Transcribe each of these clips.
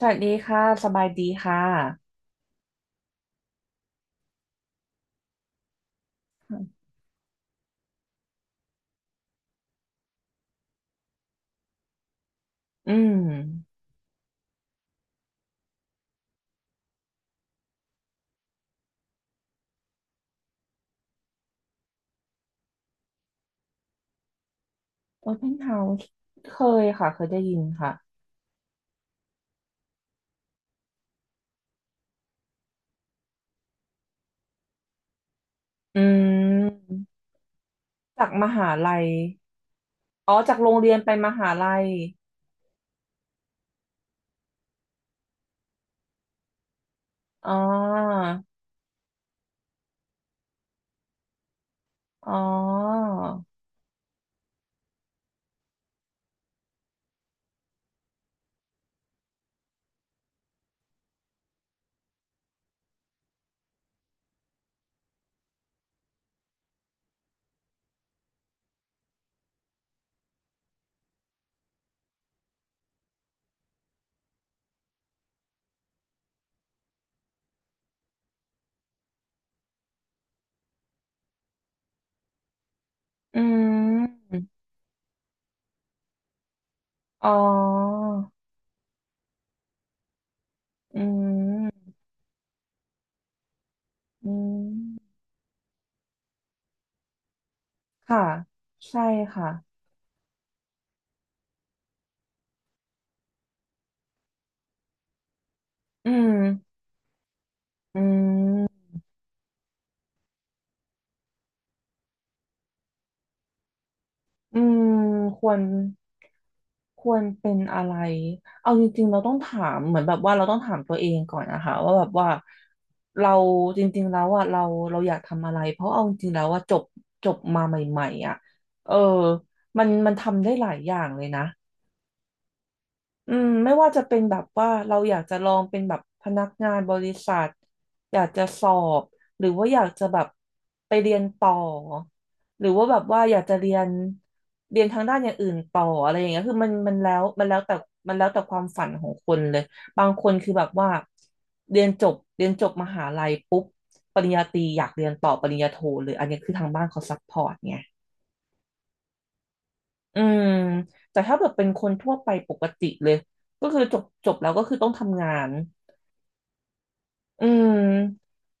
สวัสดีค่ะ สบายดีค่ะอืม Open House เคยค่ะ เคยได้ยินค่ะอืมจากมหาลัยอ๋อ จากโรงเรียนไปมหาลัยอ๋ออ๋ออืมอ๋ออืมอืมค่ะ ใช่ค่ะอืมอืม อืมควรเป็นอะไรเอาจริงๆเราต้องถามเหมือนแบบว่าเราต้องถามตัวเองก่อนนะคะว่าแบบว่าเราจริงๆแล้วอ่ะเราอยากทำอะไรเพราะเอาจริงๆแล้วว่าจบจบมาใหม่ๆอ่ะเออมันทำได้หลายอย่างเลยนะ อืมไม่ว่าจะเป็นแบบว่าเราอยากจะลองเป็นแบบพนักงานบริษัทอยากจะสอบหรือว่าอยากจะแบบไปเรียนต่อหรือว่าแบบว่าอยากจะเรียนทางด้านอย่างอื่นต่ออะไรอย่างเงี้ยคือมันมันแล้วแต่ความฝันของคนเลยบางคนคือแบบว่าเรียนจบมหาลัยปุ๊บปริญญาตรีอยากเรียนต่อปริญญาโทเลยอันนี้คือทางบ้านเขาซัพพอร์ตไง อืมแต่ถ้าแบบเป็นคนทั่วไปปกติเลยก็คือจบแล้วก็คือต้องทำงาน อืม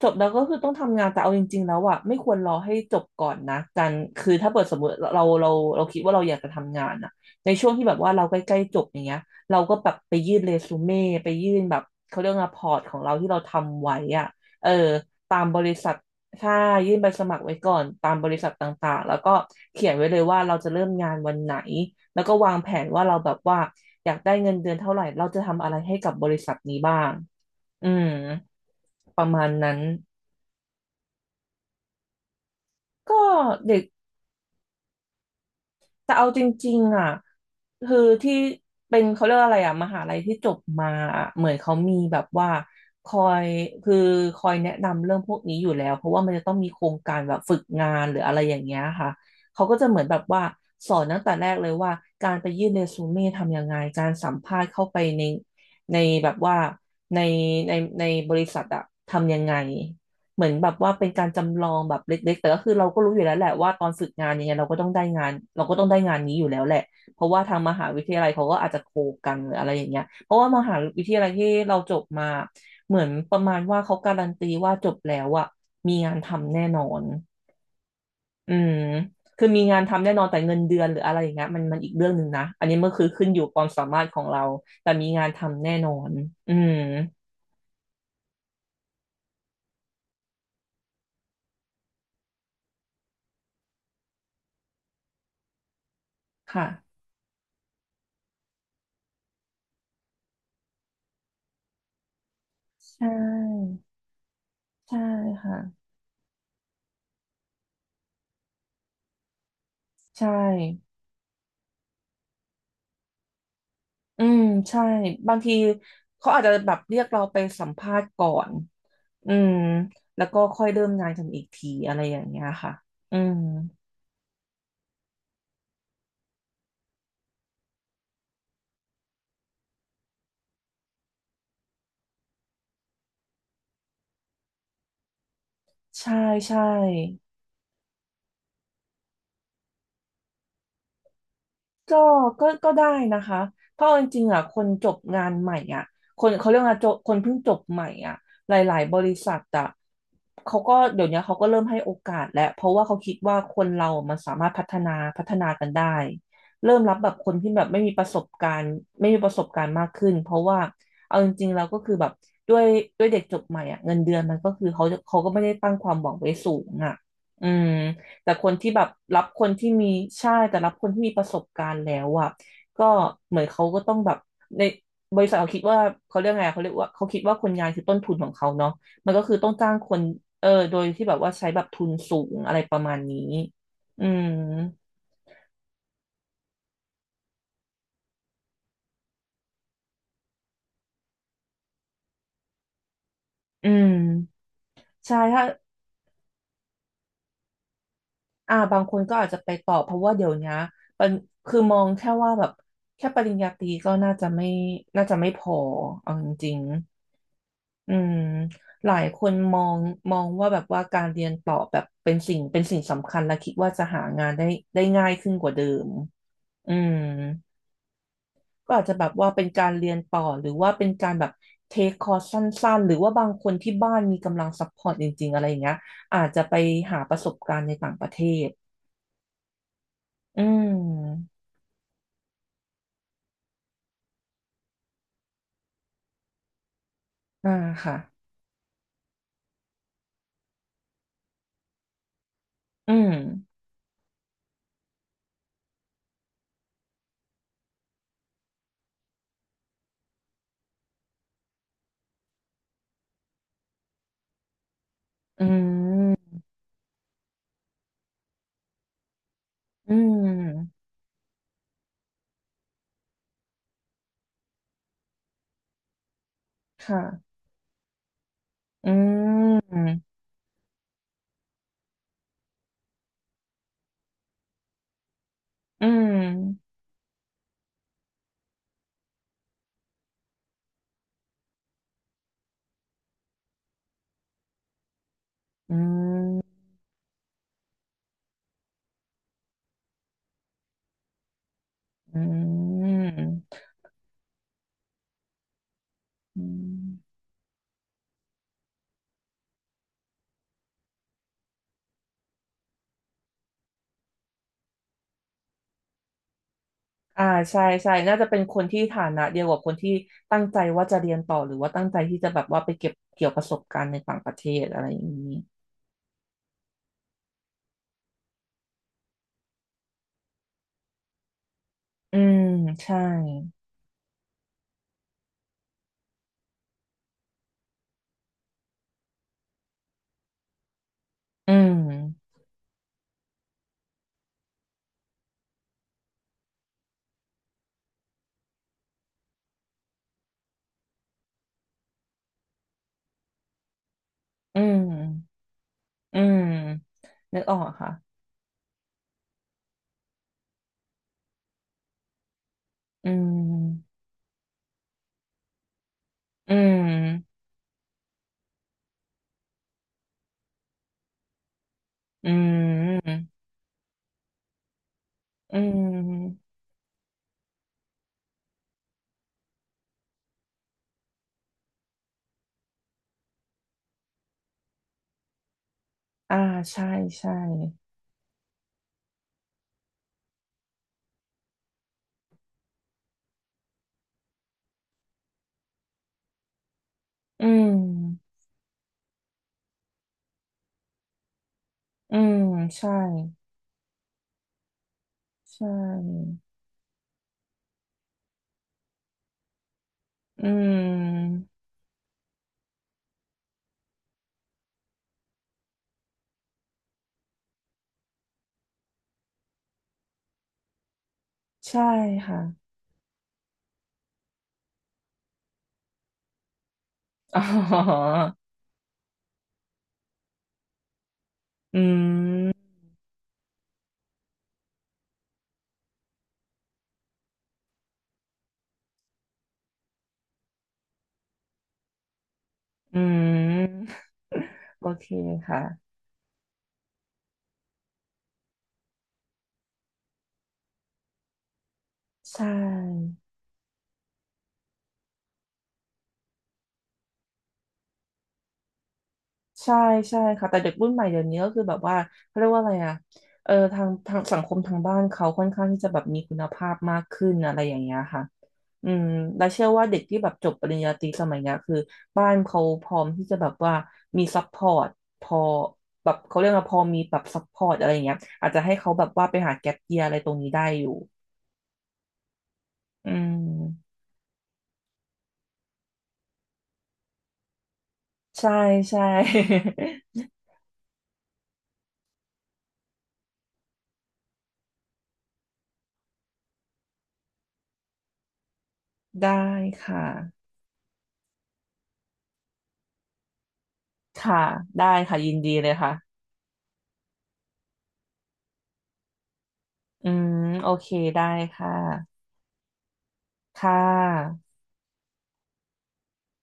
จบแล้วก็คือต้องทำงานแต่เอาจริงๆแล้วอ่ะไม่ควรรอให้จบก่อนนะการคือถ้าเปิดสมมติเราคิดว่าเราอยากจะทำงานอ่ะในช่วงที่แบบว่าเราใกล้ๆจบอย่างเงี้ยเราก็แบบไปยื่นเรซูเม่ไปยื่นแบบเขาเรียกว่าพอร์ตของเราที่เราทำไว้อ่ะเออตามบริษัทใช่ยื่นใบสมัครไว้ก่อนตามบริษัทต่างๆแล้วก็เขียนไว้เลยว่าเราจะเริ่มงานวันไหนแล้วก็วางแผนว่าเราแบบว่าอยากได้เงินเดือนเท่าไหร่เราจะทำอะไรให้กับบริษัทนี้บ้าง อืมประมาณนั้นก็เด็กแต่เอาจริงๆอ่ะคือที่เป็นเขาเรียกว่าอะไรอ่ะมหาลัยที่จบมาอะเหมือนเขามีแบบว่าคอยคือคอยแนะนำเรื่องพวกนี้อยู่แล้วเพราะว่ามันจะต้องมีโครงการแบบฝึกงานหรืออะไรอย่างเงี้ยค่ะเขาก็จะเหมือนแบบว่าสอนตั้งแต่แรกเลยว่าการไปยื่นเรซูเม่ทำยังไงการสัมภาษณ์เข้าไปในในแบบว่าในในในบริษัทอะทำยังไง เหมือนแบบว่าเป็นการจำลองแบบเล็กๆแต่ก็คือเราก็รู้อยู่แล้วแหละว่าตอนฝึกงานยังไงเราก็ต้องได้งานเราก็ต้องได้งานนี้อยู่แล้วแหละเพราะว่าทางมหาวิทยาลัยเขาก็อาจจะโคกันหรืออะไรอย่างเงี้ยเพราะว่ามหาวิทยาลัยที่เราจบมาเหมือนประมาณว่าเขาการันตีว่าจบแล้วอะมีงานทำแน่นอนอืมคือมีงานทำแน่นอนแต่เงินเดือนหรืออะไรอย่างเงี้ยมันอีกเรื่องหนึ่งนะอันนี้มันคือขึ้นอยู่ความสามารถของเราแต่มีงานทำแน่นอนอืมค่ะใช่ใช่ค่ะใช่ อืมใช่บางทีเขาอาจจะแบบเรียกเราไปสัมภาษณ์ก่อนอืมแล้วก็ค่อยเริ่มงานกันอีกทีอะไรอย่างเงี้ยค่ะอืมใช่ใช่ ก็ก็ก็ได้นะคะเพราะเอาจริงๆอ่ะคนจบงานใหม่อ่ะคนเขาเรียกว่าจบคนเพิ่งจบใหม่อ่ะหลายๆบริษัทอ่ะเขาก็เดี๋ยวนี้เขาก็เริ่มให้โอกาสแล้วเพราะว่าเขาคิดว่าคนเรามันสามารถพัฒนากันได้ เริ่มรับแบบคนที่แบบไม่มีประสบการณ์ไม่มีประสบการณ์มากขึ้นเพราะว่าเอาจริงๆเราก็คือแบบด้วยด้วยเด็กจบใหม่อ่ะเงินเดือนมันก็คือเขาก็ไม่ได้ตั้งความหวังไว้สูงอ่ะอืม แต่คนที่แบบรับคนที่มีใช่แต่รับคนที่มีประสบการณ์แล้วอ่ะก็เหมือนเขาก็ต้องแบบในบริษัทเขาคิดว่าเขาเรียกว่าเขาคิดว่าคนงานคือต้นทุนของเขาเนาะมันก็คือต้องจ้างคนโดยที่แบบว่าใช้แบบทุนสูงอะไรประมาณนี้อืมอืมใช่ถ้าบางคนก็อาจจะไปต่อเพราะว่าเดี๋ยวนี้มันคือมองแค่ว่าแบบแค่ปริญญาตรีก็น่าจะไม่พอเอาจริง อืมหลายคนมองว่าแบบว่าการเรียนต่อแบบเป็นสิ่งสำคัญและคิดว่าจะหางานได้ง่ายขึ้นกว่าเดิมอืมก็อาจจะแบบว่าเป็นการเรียนต่อหรือว่าเป็นการแบบเทคคอร์สสั้นๆหรือว่าบางคนที่บ้านมีกำลังซัพพอร์ตจริงๆ อะไรอย่างเงี้ยอาจจะไปหาประสบการณ์ในต่างประเทศ อืมอ่าค่ะอืม อืม อืม ค่ะ อืม อืม อืม อืมอืมอ่าใช่ใช่น่าจะเป็นคนที่ฐานะเดียวกับคนที่ตั้งใจว่าจะเรียนต่อหรือว่าตั้งใจที่จะแบบว่าไปเก็บเกี่ยวประสบการณ์ในต่างประเทศอะไรอย่างนี้อืมใช่อืมอืมอืมนึกออกค่ะอืมอืมอืมอืม อ่าใช่ใช่อืมอืมใช่ใช่อืมใช่ค่ะ อ๋ออืมอืมโอเคค่ะ ใช่ใช่ใช่ค่ะแต่เด็กรุ่นใหม่เดี๋ยวนี้ก็คือแบบว่า เขาเรียกว่าอะไรอ่ะทางสังคมทางบ้านเขาค่อนข้างที่จะแบบมีคุณภาพมากขึ้นอะไรอย่างเงี้ยค่ะอืมและเชื่อว่าเด็กที่แบบจบปริญญาตรีสมัยเนี้ยคือบ้านเขาพร้อมที่จะแบบว่ามีซัพพอร์ตพอแบบเขาเรียกว่าพอมีแบบซัพพอร์ตอะไรอย่างเงี้ยอาจจะให้เขาแบบว่าไปหาแก็ปเยียอะไรตรงนี้ได้อยู่อืม ใช่ใช่ ได้ค่ะค่ะได้ค่ะยินดีเลยค่ะอืมโอเคได้ค่ะค่ะ